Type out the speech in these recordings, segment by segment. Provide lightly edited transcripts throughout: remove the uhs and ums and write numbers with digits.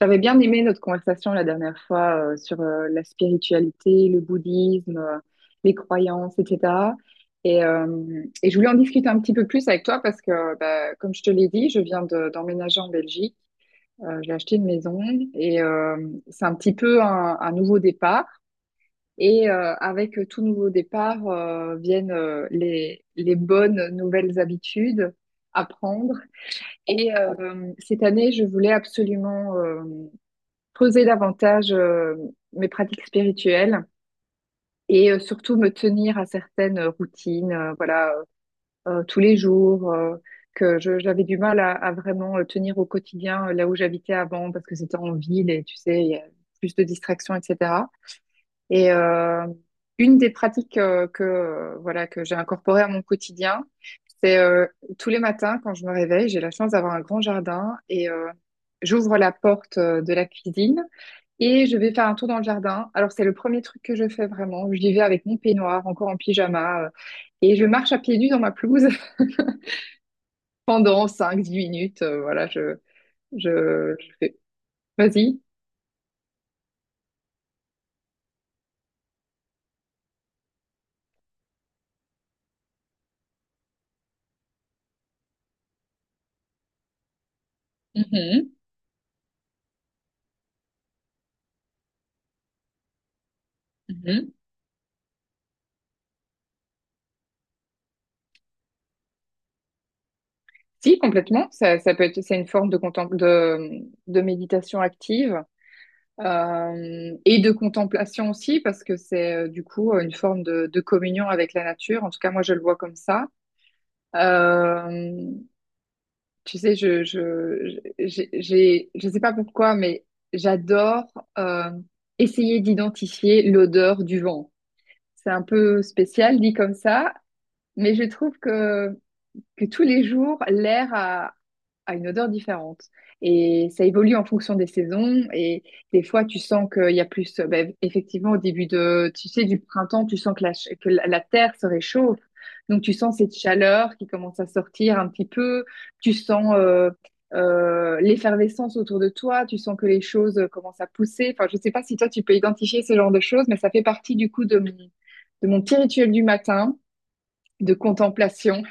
J'avais bien aimé notre conversation la dernière fois sur la spiritualité, le bouddhisme, les croyances, etc. Et je voulais en discuter un petit peu plus avec toi parce que, bah, comme je te l'ai dit, d'emménager en Belgique. J'ai acheté une maison et c'est un petit peu un nouveau départ. Avec tout nouveau départ viennent les bonnes nouvelles habitudes à prendre. Cette année, je voulais absolument creuser davantage mes pratiques spirituelles et surtout me tenir à certaines routines, voilà, tous les jours, j'avais du mal à vraiment tenir au quotidien là où j'habitais avant parce que c'était en ville et tu sais, il y a plus de distractions, etc. Et euh, une des pratiques que voilà que j'ai incorporée à mon quotidien, c'est tous les matins quand je me réveille, j'ai la chance d'avoir un grand jardin et j'ouvre la porte de la cuisine et je vais faire un tour dans le jardin. Alors c'est le premier truc que je fais vraiment. J'y vais avec mon peignoir, encore en pyjama, et je marche à pieds nus dans ma pelouse pendant 5 10 minutes. Voilà, je fais. Vas-y. Mhm, mhm. Si, complètement. Ça peut être, c'est une forme de, de méditation active et de contemplation aussi, parce que c'est du coup une forme de communion avec la nature. En tout cas, moi, je le vois comme ça. Euh, Tu sais, je sais pas pourquoi, mais j'adore euh, essayer d'identifier l'odeur du vent. C'est un peu spécial dit comme ça, mais je trouve que tous les jours, l'air a une odeur différente. Et ça évolue en fonction des saisons. Et des fois, tu sens qu'il y a plus. Ben, effectivement, au début de, tu sais, du printemps, tu sens que que la terre se réchauffe. Donc, tu sens cette chaleur qui commence à sortir un petit peu. Tu sens l'effervescence autour de toi. Tu sens que les choses commencent à pousser. Enfin, je sais pas si toi, tu peux identifier ce genre de choses, mais ça fait partie du coup de mon petit rituel du matin de contemplation.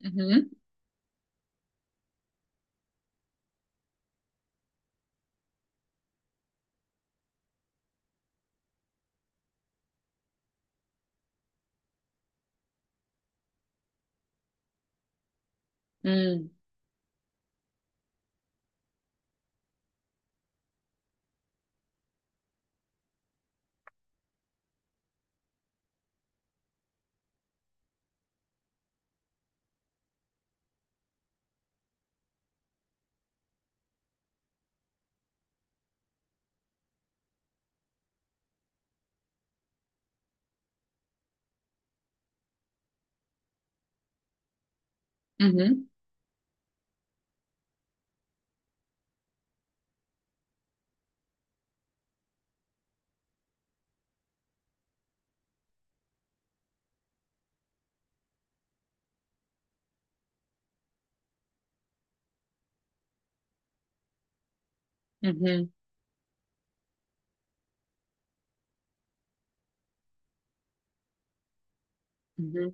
Mhm. Mm. Mhm, mhm, mhm,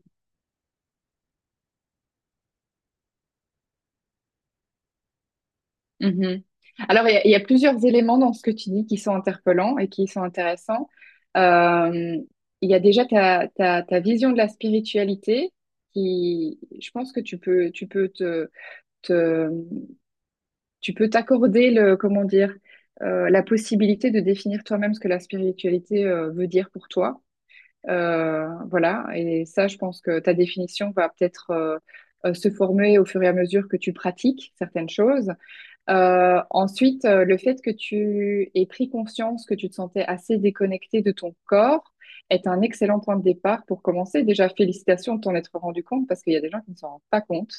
mhm. Alors, il y a, il y a plusieurs éléments dans ce que tu dis qui sont interpellants et qui sont intéressants. Euh, il y a déjà ta vision de la spiritualité qui, je pense que tu peux te- tu peux t'accorder le, comment dire, la possibilité de définir toi-même ce que la spiritualité, veut dire pour toi. Voilà. Et ça, je pense que ta définition va peut-être, se former au fur et à mesure que tu pratiques certaines choses. Ensuite, le fait que tu aies pris conscience que tu te sentais assez déconnecté de ton corps est un excellent point de départ pour commencer. Déjà, félicitations de t'en être rendu compte parce qu'il y a des gens qui ne s'en rendent pas compte.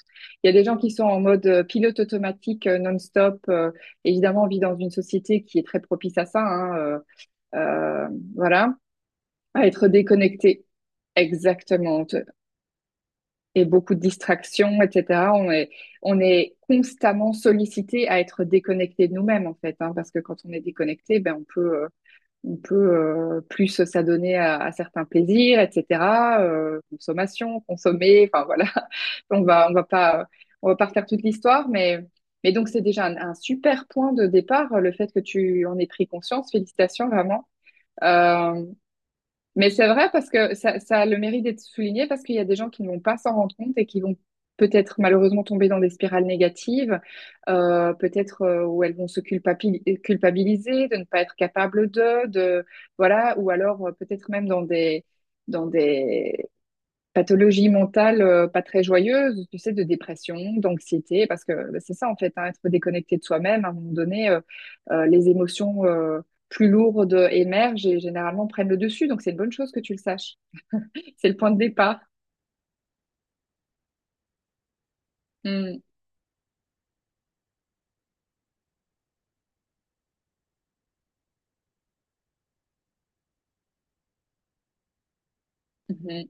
Il y a des gens qui sont en mode pilote automatique non-stop. Évidemment, on vit dans une société qui est très propice à ça, hein, euh, voilà, à être déconnecté. Exactement et beaucoup de distractions, etc. On est constamment sollicité à être déconnecté de nous-mêmes, en fait, hein, parce que quand on est déconnecté, ben, on peut plus s'adonner à certains plaisirs, etc. Consommation, consommer, enfin voilà. On va, on va pas, on va pas refaire toute l'histoire, mais donc c'est déjà un super point de départ, le fait que tu en aies pris conscience. Félicitations, vraiment. Euh, mais c'est vrai parce que ça a le mérite d'être souligné parce qu'il y a des gens qui ne vont pas s'en rendre compte et qui vont peut-être malheureusement tomber dans des spirales négatives, peut-être où elles vont se culpabiliser de ne pas être capable de voilà, ou alors peut-être même dans des dans des pathologie mentale pas très joyeuse, tu sais, de dépression, d'anxiété, parce que bah, c'est ça en fait, hein, être déconnecté de soi-même, à un moment donné, les émotions plus lourdes émergent et généralement prennent le dessus, donc c'est une bonne chose que tu le saches. C'est le point de départ. Mm, mhm,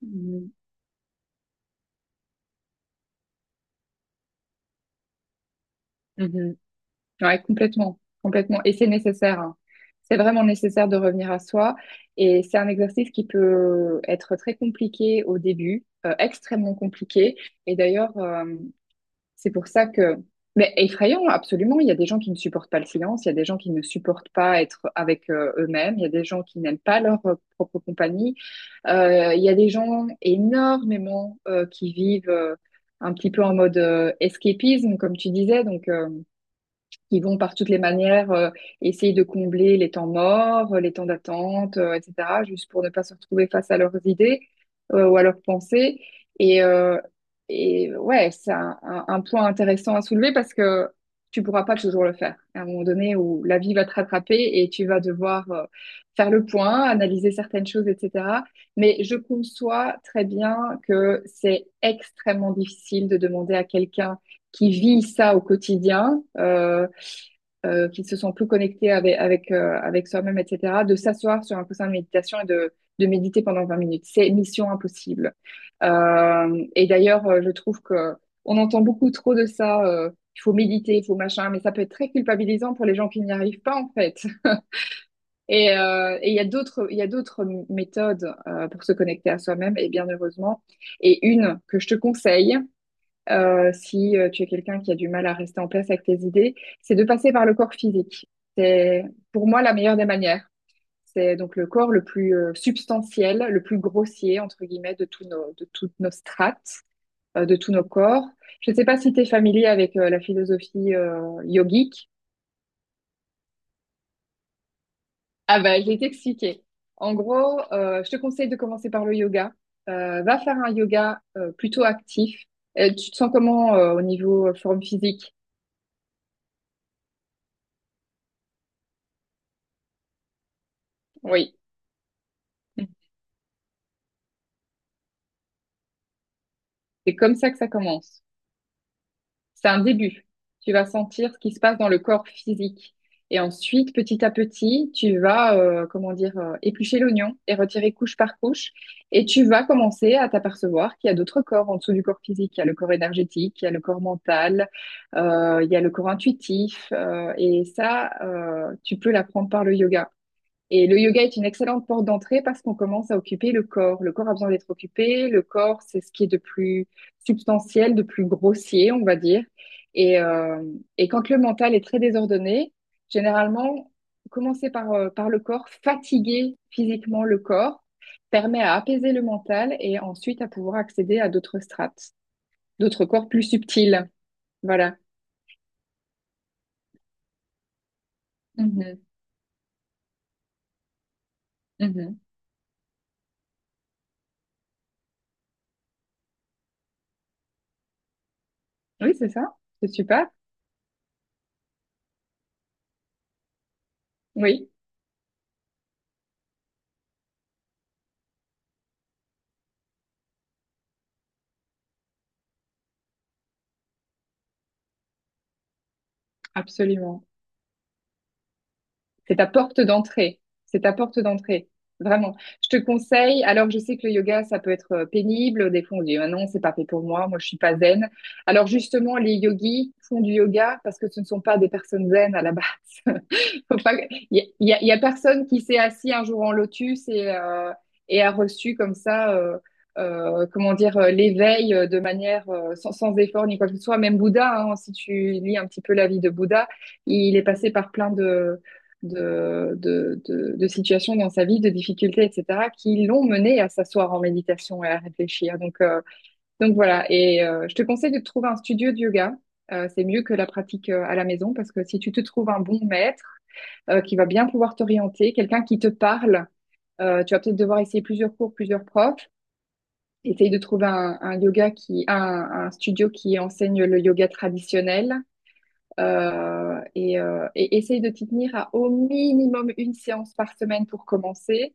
mhm, mhm. Ouais, complètement, complètement. Et c'est nécessaire, hein. C'est vraiment nécessaire de revenir à soi. Et c'est un exercice qui peut être très compliqué au début, extrêmement compliqué. Et d'ailleurs, c'est pour ça que... Mais effrayant, absolument. Il y a des gens qui ne supportent pas le silence, il y a des gens qui ne supportent pas être avec eux-mêmes, il y a des gens qui n'aiment pas leur propre compagnie, il y a des gens énormément qui vivent un petit peu en mode escapisme, comme tu disais. Donc, ils vont par toutes les manières essayer de combler les temps morts, les temps d'attente, etc., juste pour ne pas se retrouver face à leurs idées ou à leurs pensées. Et, euh, et ouais, c'est un point intéressant à soulever parce que tu pourras pas toujours le faire. À un moment donné où la vie va te rattraper et tu vas devoir faire le point, analyser certaines choses, etc. Mais je conçois très bien que c'est extrêmement difficile de demander à quelqu'un qui vit ça au quotidien. Qui se sont plus connectés avec soi-même, etc., de s'asseoir sur un coussin de méditation et de méditer pendant 20 minutes. C'est mission impossible. Et d'ailleurs, je trouve que on entend beaucoup trop de ça. Il faut méditer, il faut machin, mais ça peut être très culpabilisant pour les gens qui n'y arrivent pas en fait. Et il y a il y a d'autres méthodes pour se connecter à soi-même et bien heureusement. Et une que je te conseille, si tu es quelqu'un qui a du mal à rester en place avec tes idées, c'est de passer par le corps physique. C'est pour moi la meilleure des manières. C'est donc le corps le plus substantiel, le plus grossier, entre guillemets, de, de toutes nos strates, de tous nos corps. Je ne sais pas si tu es familier avec la philosophie yogique. Ah bah, je vais t'expliquer. En gros, je te conseille de commencer par le yoga. Va faire un yoga plutôt actif. Tu te sens comment au niveau forme physique? Oui. C'est comme ça que ça commence. C'est un début. Tu vas sentir ce qui se passe dans le corps physique. Et ensuite, petit à petit, tu vas, comment dire, éplucher l'oignon et retirer couche par couche. Et tu vas commencer à t'apercevoir qu'il y a d'autres corps en dessous du corps physique. Il y a le corps énergétique, il y a le corps mental, il y a le corps intuitif. Et ça, tu peux l'apprendre par le yoga. Et le yoga est une excellente porte d'entrée parce qu'on commence à occuper le corps. Le corps a besoin d'être occupé. Le corps, c'est ce qui est de plus substantiel, de plus grossier, on va dire. Et, euh, et quand le mental est très désordonné, généralement, commencer par, par le corps, fatiguer physiquement le corps, permet à apaiser le mental et ensuite à pouvoir accéder à d'autres strates, d'autres corps plus subtils. Voilà. Mhm, mhm. Oui, c'est ça. C'est super. Oui, absolument. C'est ta porte d'entrée. C'est ta porte d'entrée. Vraiment. Je te conseille, alors je sais que le yoga, ça peut être pénible. Des fois, on dit, ah non, c'est pas fait pour moi. Moi, je suis pas zen. Alors justement, les yogis font du yoga parce que ce ne sont pas des personnes zen à la base. Faut pas... Il y a personne qui s'est assis un jour en lotus et, a reçu comme ça, comment dire, l'éveil de manière sans, sans effort ni quoi que ce soit. Même Bouddha, hein, si tu lis un petit peu la vie de Bouddha, il est passé par plein de de situations dans sa vie, de difficultés, etc., qui l'ont mené à s'asseoir en méditation et à réfléchir. Donc voilà. Et je te conseille de te trouver un studio de yoga. C'est mieux que la pratique à la maison parce que si tu te trouves un bon maître qui va bien pouvoir t'orienter, quelqu'un qui te parle, tu vas peut-être devoir essayer plusieurs cours, plusieurs profs. Essaye de trouver un yoga qui, un studio qui enseigne le yoga traditionnel, et essaye de t'y tenir à au minimum une séance par semaine pour commencer,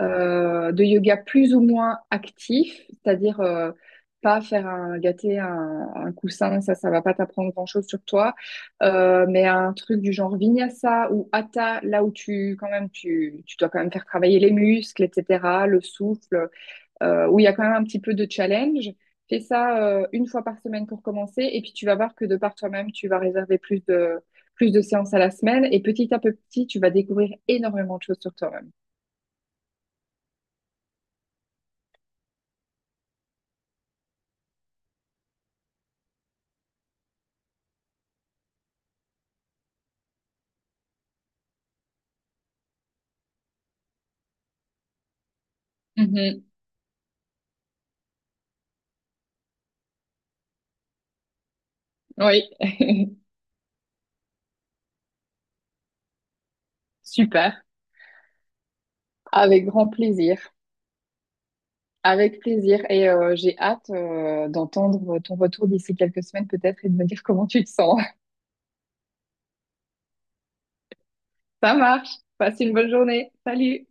de yoga plus ou moins actif, c'est-à-dire pas faire un gâter un coussin, ça va pas t'apprendre grand-chose sur toi, mais un truc du genre vinyasa ou hatha, là où tu quand même tu dois quand même faire travailler les muscles, etc., le souffle où il y a quand même un petit peu de challenge. Fais ça une fois par semaine pour commencer, et puis tu vas voir que de par toi-même, tu vas réserver plus de séances à la semaine, et petit à petit, tu vas découvrir énormément de choses sur toi-même. Mhm. Oui, super. Avec grand plaisir. Avec plaisir. Et j'ai hâte d'entendre ton retour d'ici quelques semaines peut-être et de me dire comment tu te sens. Ça marche. Passe une bonne journée. Salut.